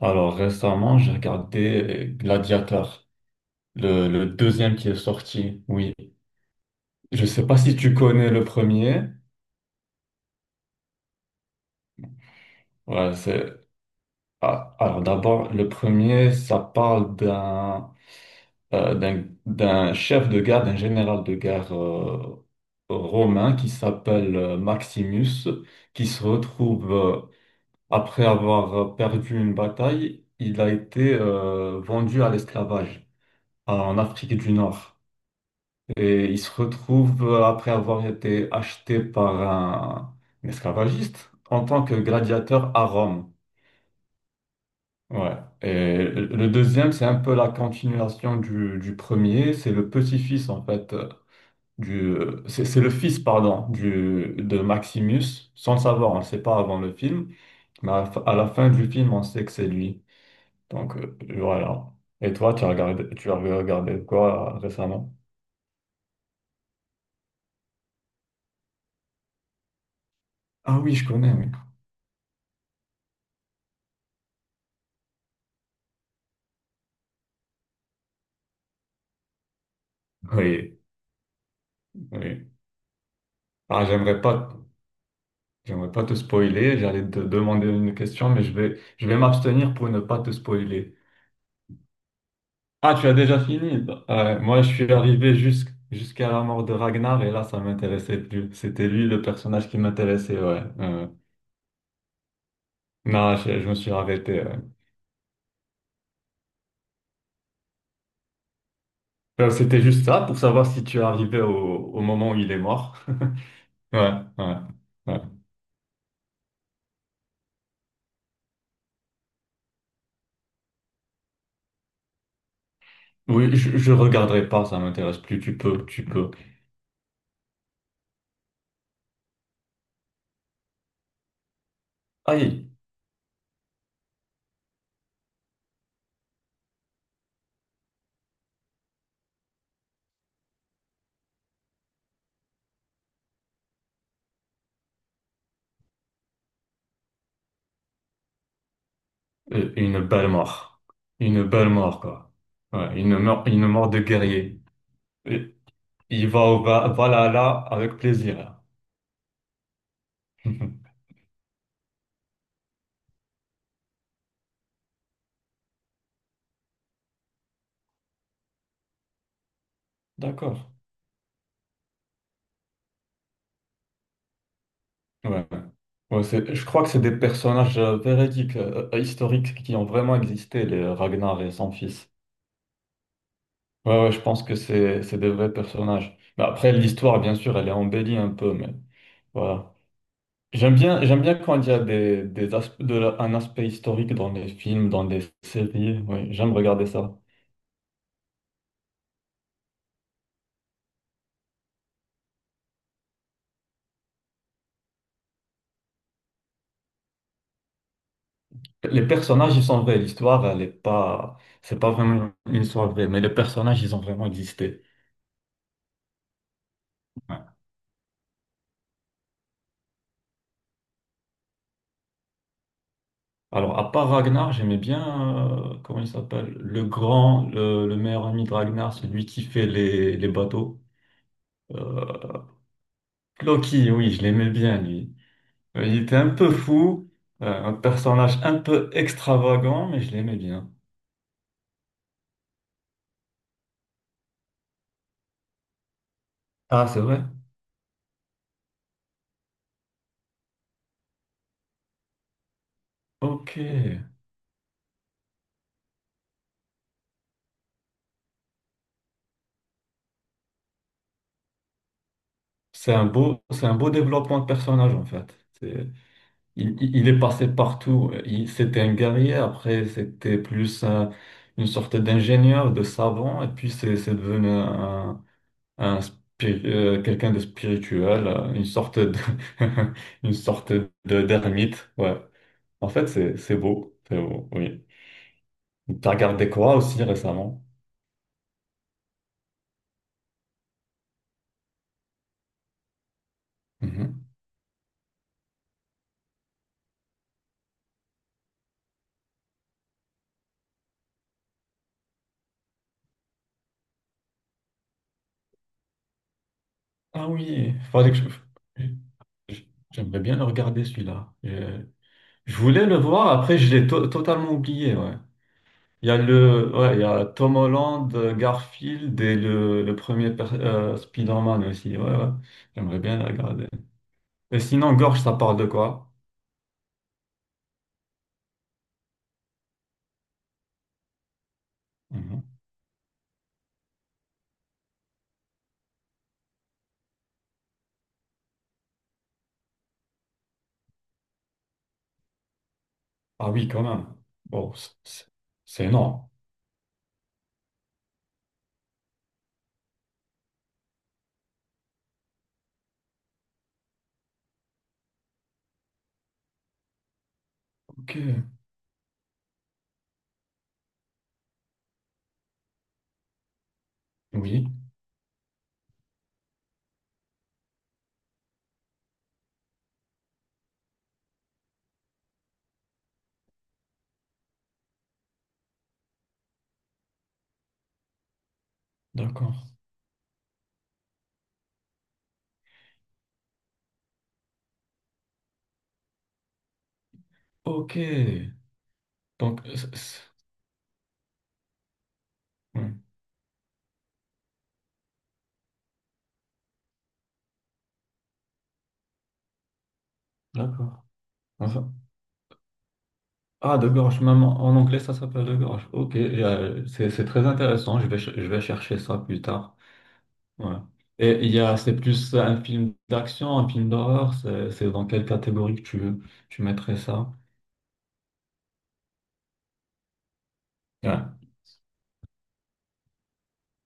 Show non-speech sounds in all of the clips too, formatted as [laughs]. Alors récemment, j'ai regardé Gladiator, le deuxième qui est sorti. Oui, je sais pas si tu connais le premier. Ouais, c'est ah, alors d'abord le premier, ça parle d'un chef de guerre, d'un général de guerre romain qui s'appelle Maximus, qui se retrouve après avoir perdu une bataille, il a été vendu à l'esclavage en Afrique du Nord. Et il se retrouve, après avoir été acheté par un esclavagiste, en tant que gladiateur à Rome. Ouais. Et le deuxième, c'est un peu la continuation du premier. C'est le petit-fils, en fait, du, c'est le fils, pardon, de Maximus, sans le savoir, on ne le sait pas avant le film, mais à la fin du film, on sait que c'est lui. Donc, voilà. Et toi, tu as regardé quoi récemment? Ah oui, je connais, oui. Oui, oui. Ah, j'aimerais pas te spoiler. J'allais te demander une question, mais je vais m'abstenir pour ne pas te spoiler. Ah, tu as déjà fini. Moi, je suis arrivé jusqu'à la mort de Ragnar et là, ça m'intéressait plus. C'était lui le personnage qui m'intéressait, ouais. Non, je me suis arrêté. Ouais. C'était juste ça pour savoir si tu es arrivé au moment où il est mort. [laughs] Ouais, ouais, ouais. Oui, je regarderai pas, ça m'intéresse plus. Tu peux, tu peux. Aïe. Une belle mort. Une belle mort, quoi. Ouais, une mort de guerrier. Et il va au Valhalla avec plaisir. [laughs] D'accord. Ouais. Ouais, je crois que c'est des personnages véridiques, historiques, qui ont vraiment existé, les Ragnar et son fils. Ouais, ouais, je pense que c'est des vrais personnages. Mais après, l'histoire, bien sûr, elle est embellie un peu, mais voilà. J'aime bien quand il y a des aspe- de la- un aspect historique dans les films, dans les séries. Ouais, j'aime regarder ça. Les personnages, ils sont vrais. L'histoire, elle est pas, c'est pas vraiment une histoire vraie, mais les personnages, ils ont vraiment existé. Ouais. Alors, à part Ragnar, j'aimais bien, comment il s'appelle? Le grand, le meilleur ami de Ragnar, celui qui fait les bateaux. Euh, Loki, oui, je l'aimais bien, lui. Il était un peu fou, un personnage un peu extravagant, mais je l'aimais bien. Ah, c'est vrai? Ok. C'est un beau développement de personnage, en fait. Il est passé partout. C'était un guerrier, après c'était plus une sorte d'ingénieur, de savant, et puis c'est devenu quelqu'un de spirituel, [laughs] une sorte de d'ermite. Ouais. En fait, c'est beau, c'est beau, oui. T'as regardé quoi aussi récemment? Mhm. Ah oui, fallait que je... J'aimerais bien le regarder celui-là. Je voulais le voir, après je l'ai totalement oublié. Ouais. Il y a le, ouais, il y a Tom Holland, Garfield et le Spider-Man aussi. Ouais, ouais. J'aimerais bien la regarder. Et sinon, Gorge, ça parle de quoi? Mhm. Ah oui, quand même. Bon, c'est énorme. Ok. Oui, d'accord. Ok. Donc, oui, d'accord. Enfin- ah, de gorge, même en anglais, ça s'appelle de gorge. Ok, c'est très intéressant. Je vais chercher ça plus tard. Ouais. Et il y a, c'est plus un film d'action, un film d'horreur, c'est dans quelle catégorie que tu mettrais ça? Ouais,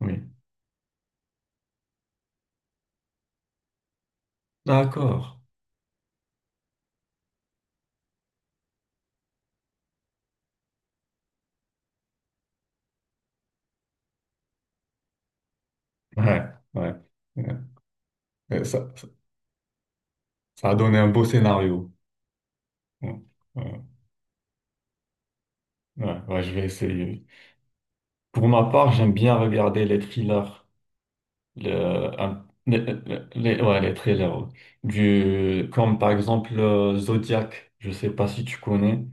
oui. D'accord. Ouais, ouais. Ouais. Et ça a donné un beau scénario. Ouais, ouais, ouais, ouais, je vais essayer. Pour ma part, j'aime bien regarder les thrillers. Le- un- les, ouais, les trailers. Ouais. Comme par exemple Zodiac, je sais pas si tu connais.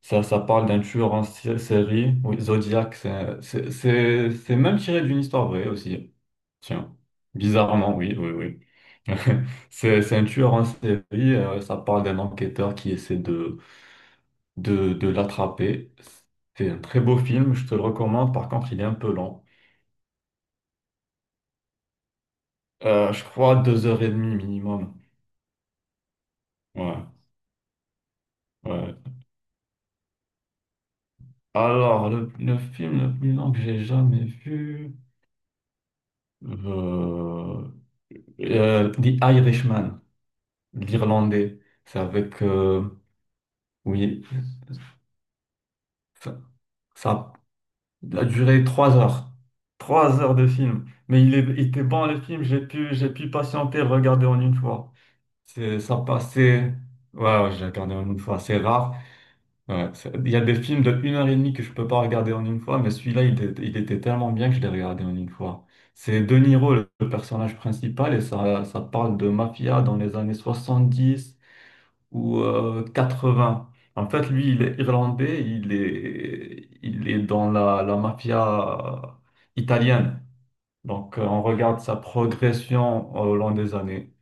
Ça parle d'un tueur en série. Oui, Zodiac, c'est même tiré d'une histoire vraie aussi. Tiens, bizarrement, oui, oui, oui. [laughs] C'est un tueur en série. Ça parle d'un enquêteur qui essaie de l'attraper. C'est un très beau film, je te le recommande. Par contre, il est un peu lent. Je crois deux heures et demie minimum. Ouais. Ouais. Alors, le film le plus long que j'ai jamais vu, euh, The Irishman, l'Irlandais. C'est avec, oui, ça, ça a duré 3 heures. 3 heures de film. Mais il était bon le film, j'ai pu patienter, le regarder en une fois. Ça passait, ouais, ouais, j'ai regardé en une fois, c'est rare. Ouais, il y a des films de une heure et demie que je peux pas regarder en une fois, mais celui-là, il était tellement bien que je l'ai regardé en une fois. C'est De Niro, le personnage principal, et ça parle de mafia dans les années 70 ou 80. En fait, lui, il est irlandais, il est dans la mafia italienne. Donc, on regarde sa progression au long des années.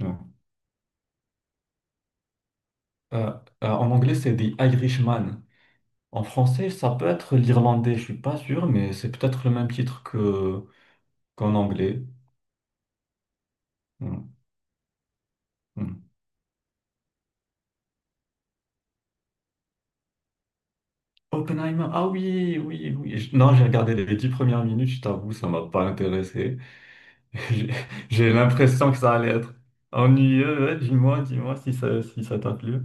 Ouais. Euh, En anglais, c'est The Irishman. En français, ça peut être l'irlandais, je suis pas sûr, mais c'est peut-être le même titre que qu'en anglais. Hmm, hmm. Oppenheimer, ah oui, oui, oui. Non, j'ai regardé les 10 premières minutes, je t'avoue, ça m'a pas intéressé. [laughs] J'ai j'ai l'impression que ça allait être ennuyeux. Ouais, dis-moi, dis-moi si ça t'a plu.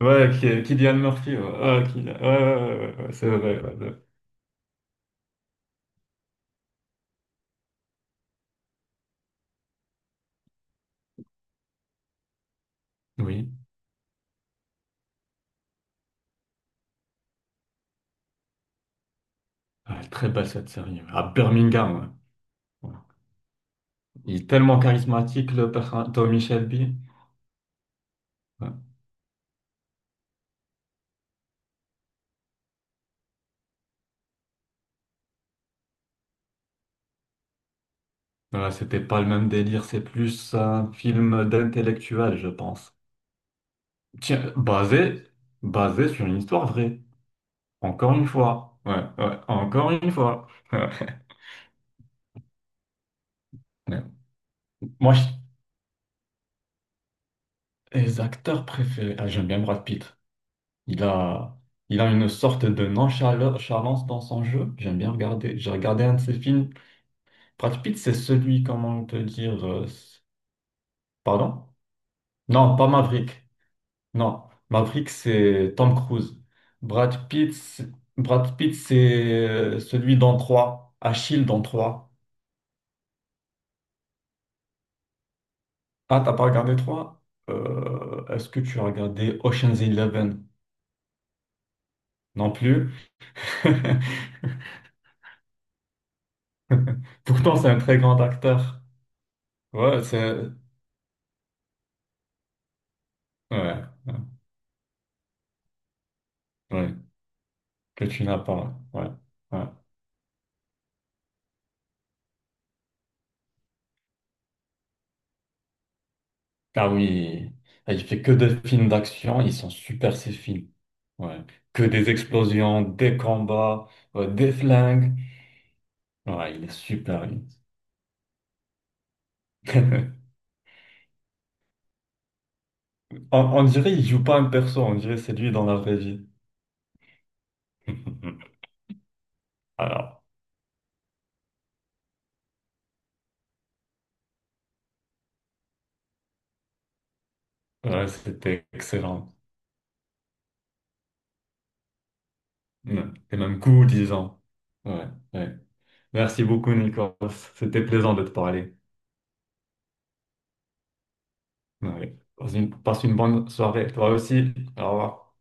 Ouais, Cillian Murphy, ouais, ouais, ouais, ouais, ouais, ouais, ouais, c'est vrai. Ouais, ouais. Oui, ouais, très belle cette série. Ouais. À Birmingham, ouais. Ouais. Il est tellement charismatique, le personnage, Tommy Shelby. Ouais. Ouais, c'était pas le même délire, c'est plus un film d'intellectuel, je pense. Tiens, basé sur une histoire vraie. Encore une fois. Ouais, ouais, encore une fois. [laughs] Ouais. Ouais. Moi, les acteurs préférés, ah, j'aime bien Brad Pitt. Il a, il a une sorte de nonchalance dans son jeu. J'aime bien regarder. J'ai regardé un de ses films. Brad Pitt, c'est celui, comment te dire, pardon? Non, pas Maverick. Non, Maverick, c'est Tom Cruise. Brad Pitt, c'est- Brad Pitt, c'est celui dans 3. Achille dans 3. Ah, t'as pas regardé 3? Est-ce que tu as regardé Ocean's Eleven? Non plus. [laughs] Pourtant, c'est un très grand acteur. Ouais, c'est... Ouais, ouais, ouais, que tu n'as pas. Ouais, ouais. Ah oui, il fait que des films d'action, ils sont super ces films. Ouais. Que des explosions, des combats, des flingues. Ouais, il est super lui. [laughs] On dirait il joue pas un perso, on dirait c'est lui dans la vraie vie. Alors, ouais, c'était excellent. Ouais, c'est même cool, disons. Ouais, ouais. Merci beaucoup, Nicolas. C'était plaisant de te parler. Ouais. Passe une bonne soirée, toi aussi. Au revoir.